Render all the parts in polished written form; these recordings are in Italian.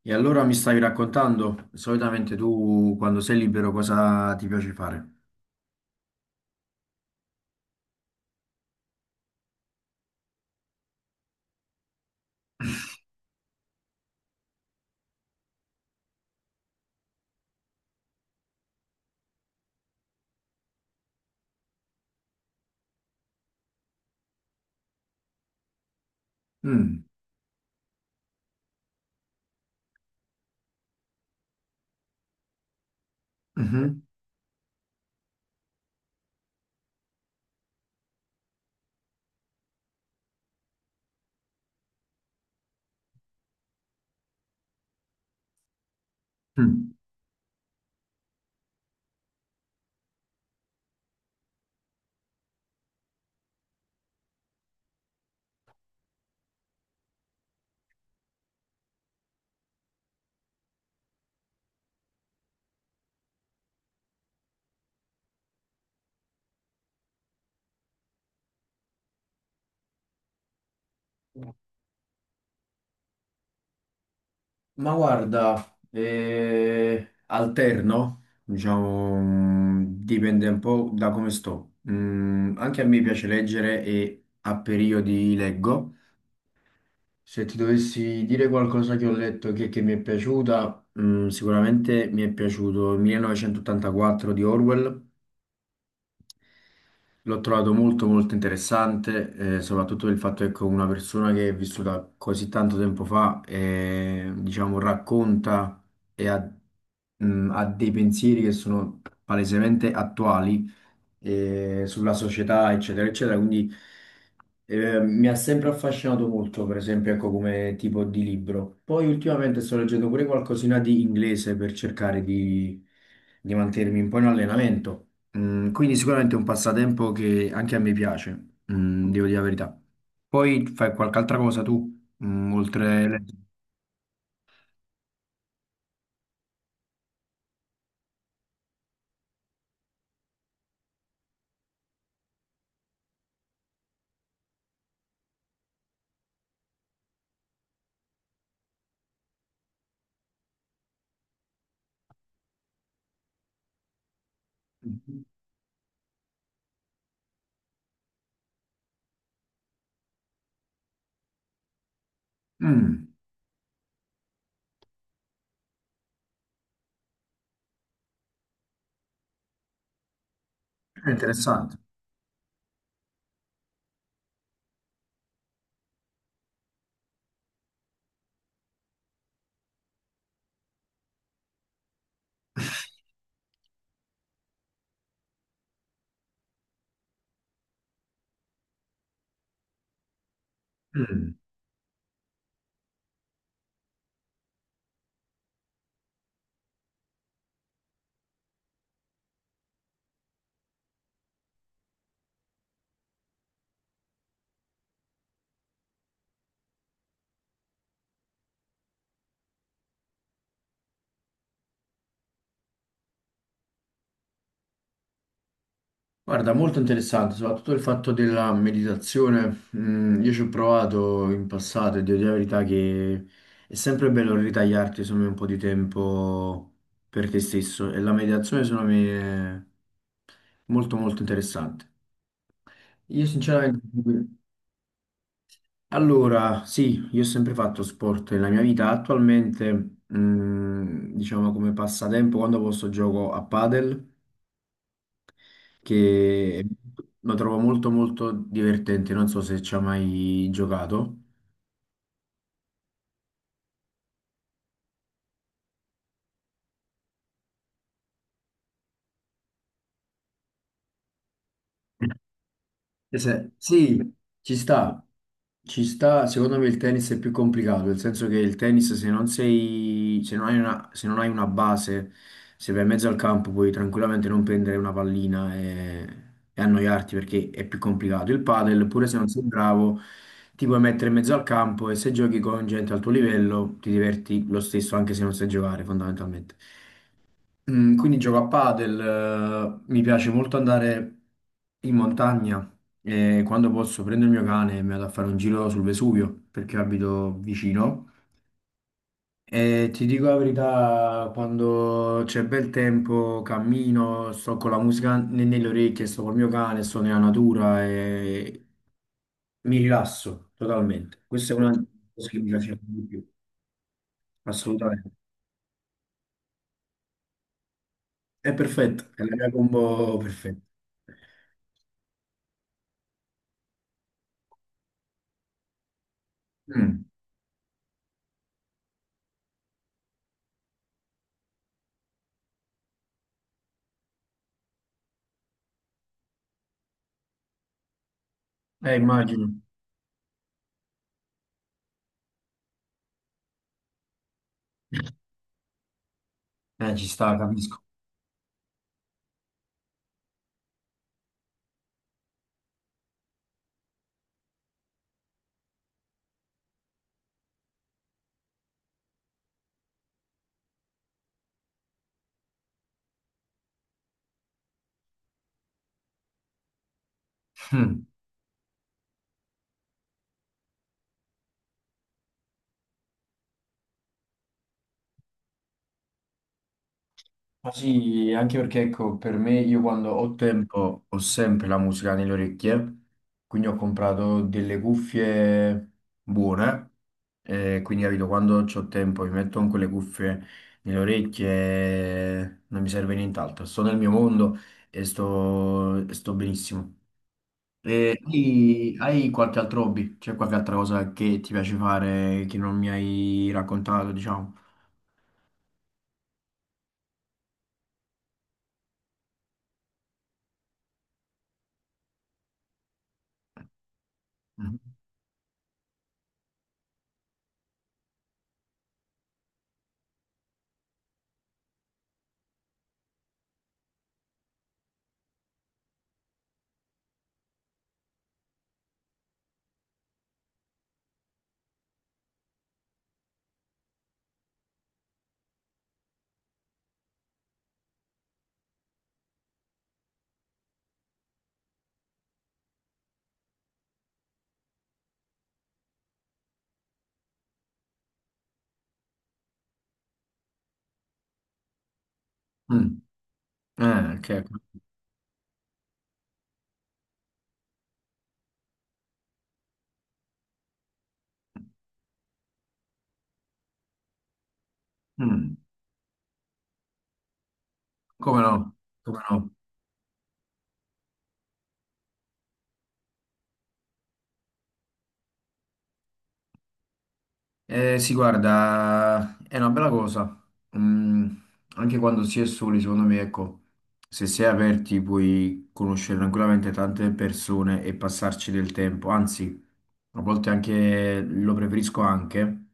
E allora mi stavi raccontando, solitamente tu quando sei libero cosa ti piace fare? Mm, mhm, mm. Ma guarda, alterno, diciamo, dipende un po' da come sto. Anche a me piace leggere e a periodi leggo. Se ti dovessi dire qualcosa che ho letto che mi è piaciuta, sicuramente mi è piaciuto 1984 di Orwell. L'ho trovato molto molto interessante, soprattutto il fatto che con una persona che è vissuta così tanto tempo fa, diciamo, racconta e ha dei pensieri che sono palesemente attuali sulla società, eccetera, eccetera. Quindi mi ha sempre affascinato molto, per esempio, ecco, come tipo di libro. Poi ultimamente sto leggendo pure qualcosina di inglese per cercare di mantenermi un po' in allenamento. Quindi sicuramente è un passatempo che anche a me piace, devo dire la verità. Poi fai qualche altra cosa tu, mm, oltre... le- Mm, è interessante. Mm. Guarda, molto interessante, soprattutto il fatto della meditazione. Io ci ho provato in passato e devo dire la verità che è sempre bello ritagliarti, insomma, un po' di tempo per te stesso e la meditazione secondo me è molto molto interessante. Io sinceramente, allora, sì, io ho sempre fatto sport nella mia vita, attualmente, diciamo come passatempo, quando posso gioco a padel, che lo trovo molto molto divertente, non so se ci ha mai giocato. Sì, ci sta, ci sta. Secondo me il tennis è più complicato, nel senso che il tennis se non hai una, se non hai una base, se vai in mezzo al campo puoi tranquillamente non prendere una pallina e annoiarti perché è più complicato. Il padel, pure se non sei bravo, ti puoi mettere in mezzo al campo e se giochi con gente al tuo livello ti diverti lo stesso anche se non sai giocare fondamentalmente. Quindi gioco a padel, mi piace molto andare in montagna e quando posso prendo il mio cane e mi vado a fare un giro sul Vesuvio perché abito vicino. E ti dico la verità, quando c'è bel tempo cammino, sto con la musica nelle orecchie, sto col mio cane, sto nella natura e mi rilasso totalmente. Questa è una delle cose che mi piace di più, assolutamente. È perfetto, è la mia combo perfetta. Mm, immagino. Ci sta, capisco. Mm. Ma sì, anche perché ecco, per me io quando ho tempo ho sempre la musica nelle orecchie, quindi ho comprato delle cuffie buone, quindi capito, quando ho tempo mi metto con quelle cuffie nelle orecchie, e non mi serve nient'altro, sto nel mio mondo e sto benissimo. E hai qualche altro hobby? C'è qualche altra cosa che ti piace fare che non mi hai raccontato, diciamo? Mm. Ah, ok. Ok. Mm, come no? Come no? Sì, guarda, è una bella cosa. Mm, Anche quando si è soli, secondo me, ecco, se si è aperti puoi conoscere tranquillamente tante persone e passarci del tempo. Anzi, a volte anche lo preferisco anche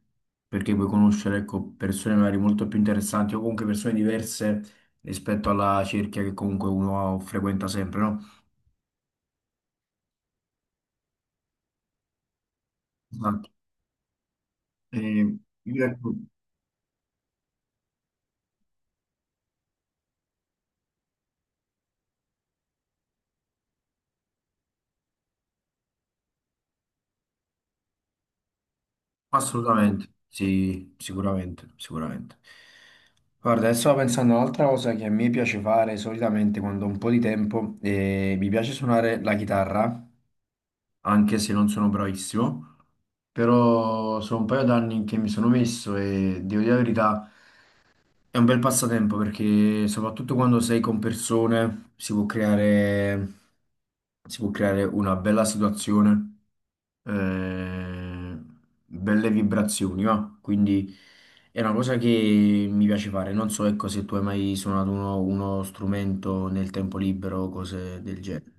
perché puoi conoscere, ecco, persone magari molto più interessanti o comunque persone diverse rispetto alla cerchia che comunque uno frequenta sempre, no? Esatto. Eh, io, ecco, assolutamente, sì, sicuramente, sicuramente. Guarda, adesso stavo pensando a un'altra cosa che a me piace fare solitamente quando ho un po' di tempo e mi piace suonare la chitarra, anche se non sono bravissimo, però sono un paio d'anni che mi sono messo e devo dire la verità, è un bel passatempo perché soprattutto quando sei con persone si può creare una bella situazione, eh, belle vibrazioni, va. Quindi è una cosa che mi piace fare. Non so, ecco, se tu hai mai suonato uno strumento nel tempo libero o cose del genere.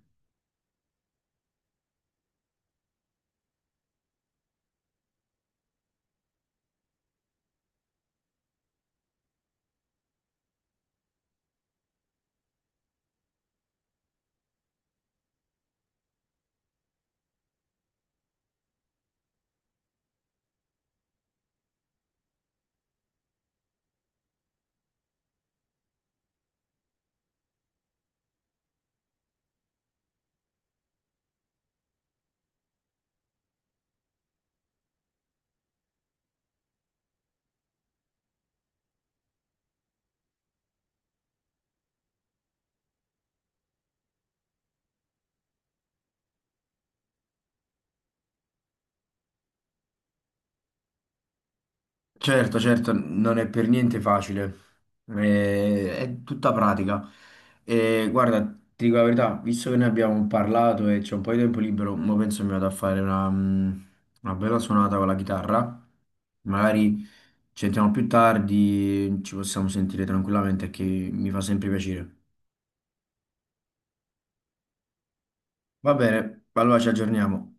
Certo, certo, non è per niente facile, eh, è, tutta pratica. E guarda, ti dico la verità, visto che ne abbiamo parlato e c'è un po' di tempo libero, mo penso mi vado a fare una, una bella suonata con la chitarra. Magari ci sentiamo più tardi, ci possiamo sentire tranquillamente, che mi fa sempre piacere. Va bene, allora ci aggiorniamo.